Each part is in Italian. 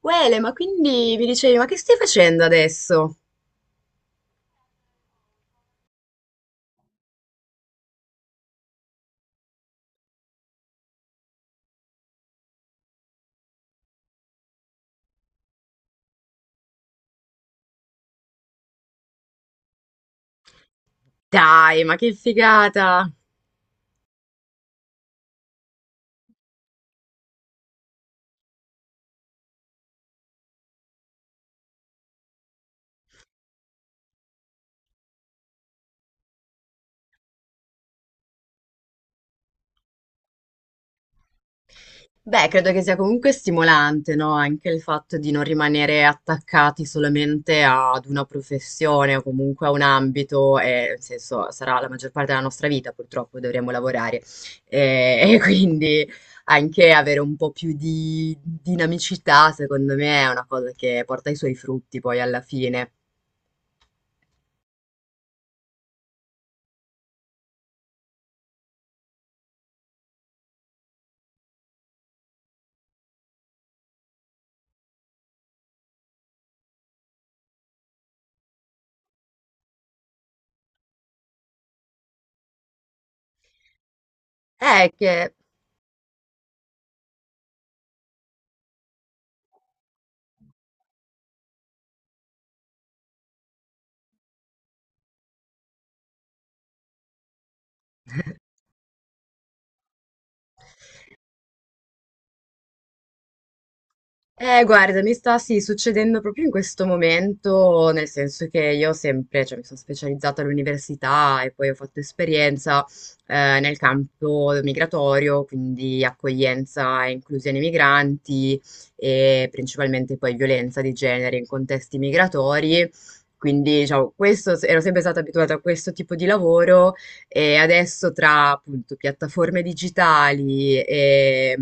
Quele, ma quindi mi dicevi, ma che stai facendo adesso? Dai, ma che figata! Beh, credo che sia comunque stimolante, no? Anche il fatto di non rimanere attaccati solamente ad una professione o comunque a un ambito, e, nel senso, sarà la maggior parte della nostra vita, purtroppo dovremo lavorare. E, e quindi anche avere un po' più di dinamicità, secondo me, è una cosa che porta i suoi frutti poi alla fine. Che Guarda, mi sta sì, succedendo proprio in questo momento, nel senso che io sempre, cioè, mi sono specializzata all'università e poi ho fatto esperienza nel campo migratorio, quindi accoglienza e inclusione migranti e principalmente poi violenza di genere in contesti migratori. Quindi, diciamo, questo, ero sempre stata abituata a questo tipo di lavoro e adesso tra appunto piattaforme digitali e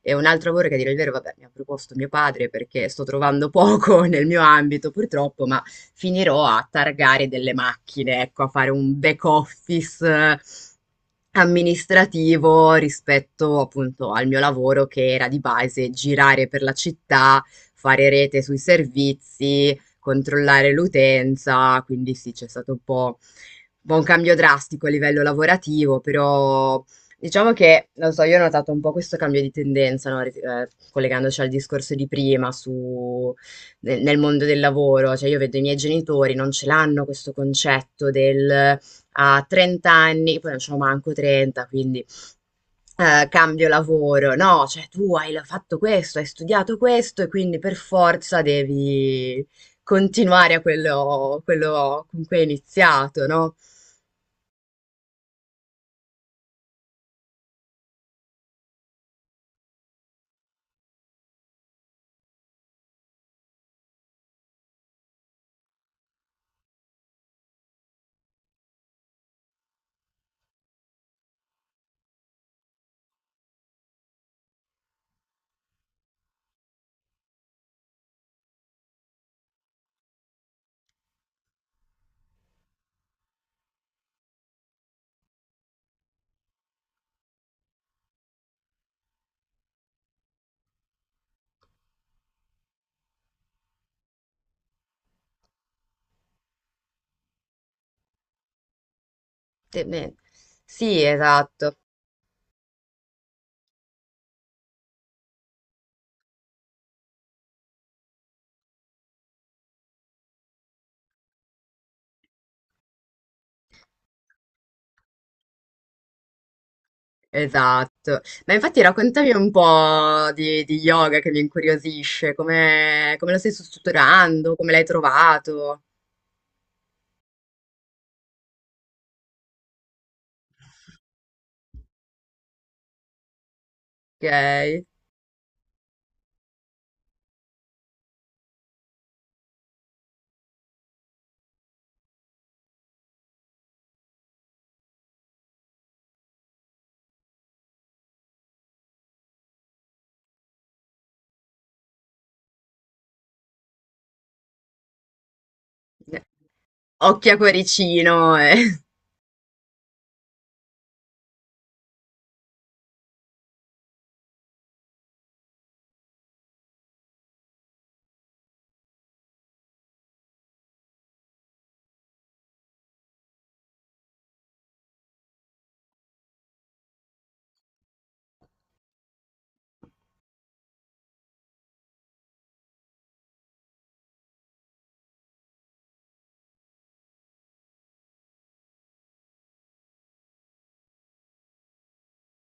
un altro lavoro che, a dire il vero, vabbè, mi ha proposto mio padre perché sto trovando poco nel mio ambito purtroppo, ma finirò a targare delle macchine, ecco, a fare un back office amministrativo rispetto appunto al mio lavoro che era di base girare per la città, fare rete sui servizi, controllare l'utenza. Quindi sì, c'è stato un po' un cambio drastico a livello lavorativo, però diciamo che, non so, io ho notato un po' questo cambio di tendenza, no? Collegandoci al discorso di prima su, nel mondo del lavoro, cioè io vedo i miei genitori, non ce l'hanno questo concetto del a 30 anni, poi non ce l'ho manco 30, quindi cambio lavoro, no, cioè tu hai fatto questo, hai studiato questo e quindi per forza devi continuare a quello, quello con cui hai iniziato, no? Te- beh, Sì, esatto. Esatto. Ma infatti raccontami un po' di yoga, che mi incuriosisce, come, come lo stai strutturando, come l'hai trovato, ok? Occhio a cuoricino, eh.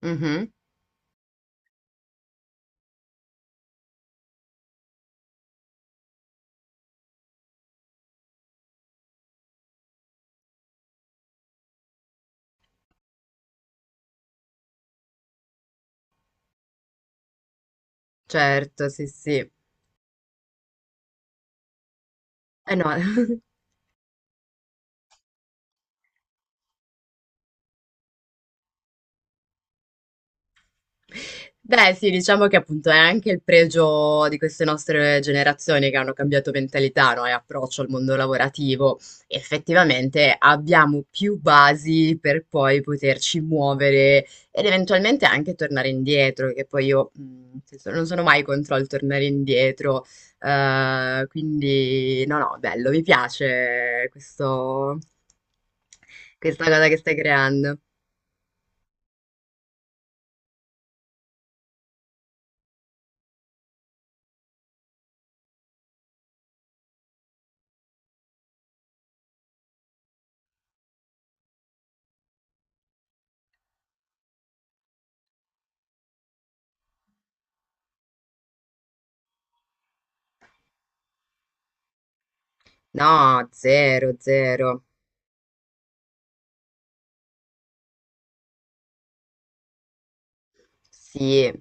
Mhm. Certo, sì, sì. Eh no. Beh, sì, diciamo che appunto è anche il pregio di queste nostre generazioni che hanno cambiato mentalità, no, e approccio al mondo lavorativo. Effettivamente abbiamo più basi per poi poterci muovere ed eventualmente anche tornare indietro, che poi io nel senso, non sono mai contro il tornare indietro. Eh, quindi, no, no, bello, mi piace questo, questa cosa che stai creando. No, zero, zero. Sì,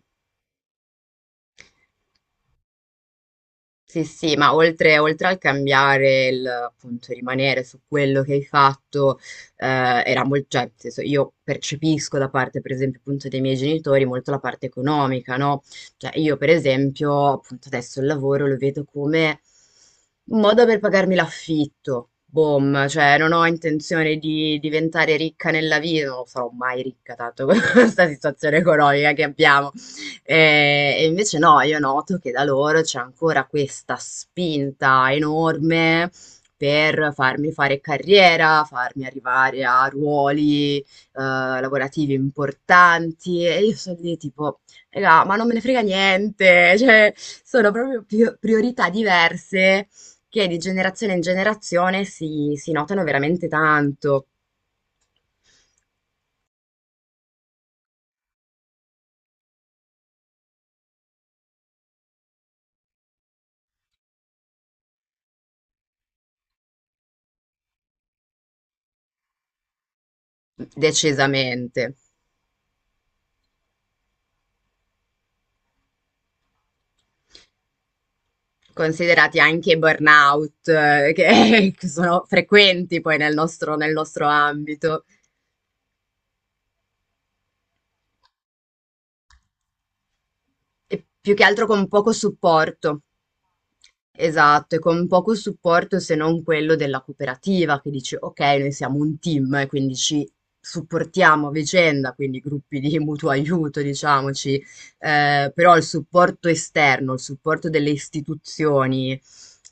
sì, sì, ma oltre, oltre al cambiare, il, appunto, rimanere su quello che hai fatto, era molto, cioè, nel senso, io percepisco da parte, per esempio, appunto, dei miei genitori molto la parte economica, no? Cioè, io, per esempio, appunto, adesso il lavoro lo vedo come un modo per pagarmi l'affitto, boom, cioè, non ho intenzione di diventare ricca nella vita, non sarò mai ricca, tanto con questa situazione economica che abbiamo. E invece no, io noto che da loro c'è ancora questa spinta enorme per farmi fare carriera, farmi arrivare a ruoli lavorativi importanti, e io sono lì tipo, "Raga, ma non me ne frega niente", cioè sono proprio priorità diverse che di generazione in generazione si notano veramente tanto. Decisamente. Considerati anche i burnout, che, che sono frequenti poi nel nostro ambito. E più che altro con poco supporto. Esatto, e con poco supporto se non quello della cooperativa che dice ok, noi siamo un team e quindi ci supportiamo a vicenda, quindi gruppi di mutuo aiuto, diciamoci, però il supporto esterno, il supporto delle istituzioni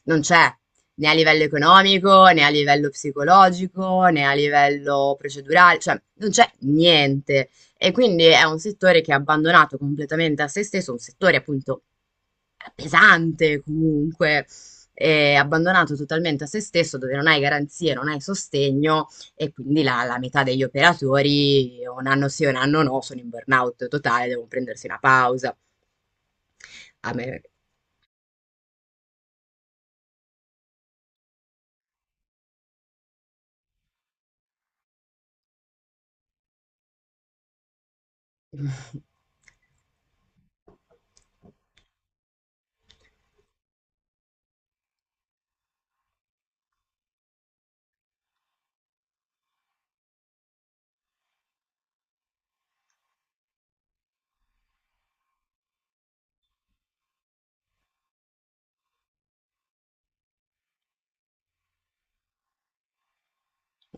non c'è, né a livello economico, né a livello psicologico, né a livello procedurale, cioè non c'è niente. E quindi è un settore che è abbandonato completamente a se stesso, un settore appunto pesante comunque, abbandonato totalmente a se stesso, dove non hai garanzie, non hai sostegno, e quindi la, la metà degli operatori un anno sì, un anno no, sono in burnout totale, devono prendersi una pausa. A me...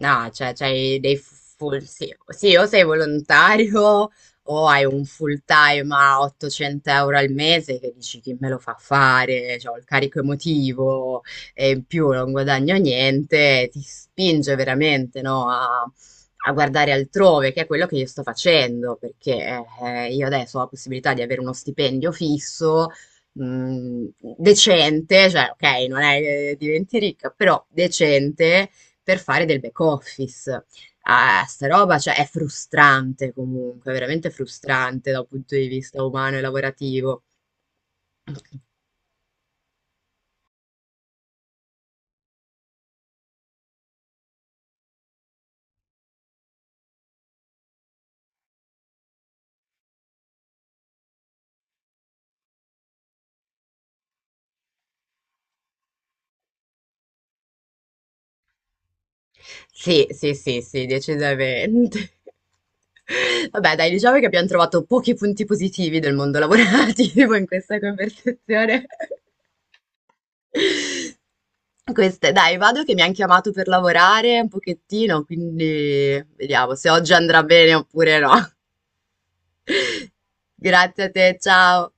No, cioè, c'hai dei full, sì, sì, o sei volontario o hai un full time a 800 euro al mese, che dici chi me lo fa fare, cioè, ho il carico emotivo e in più non guadagno niente, ti spinge veramente, no, a, a guardare altrove, che è quello che io sto facendo, perché io adesso ho la possibilità di avere uno stipendio fisso, mh, decente, cioè, ok, non è che diventi ricca, però decente, per fare del back office. Ah, sta roba, cioè, è frustrante comunque, veramente frustrante dal punto di vista umano e lavorativo. Sì, sì, sì, sì, decisamente. Vabbè, dai, diciamo che abbiamo trovato pochi punti positivi del mondo lavorativo in questa conversazione. Queste, dai, vado che mi hanno chiamato per lavorare un pochettino, quindi vediamo se oggi andrà bene oppure no. Grazie a te, ciao.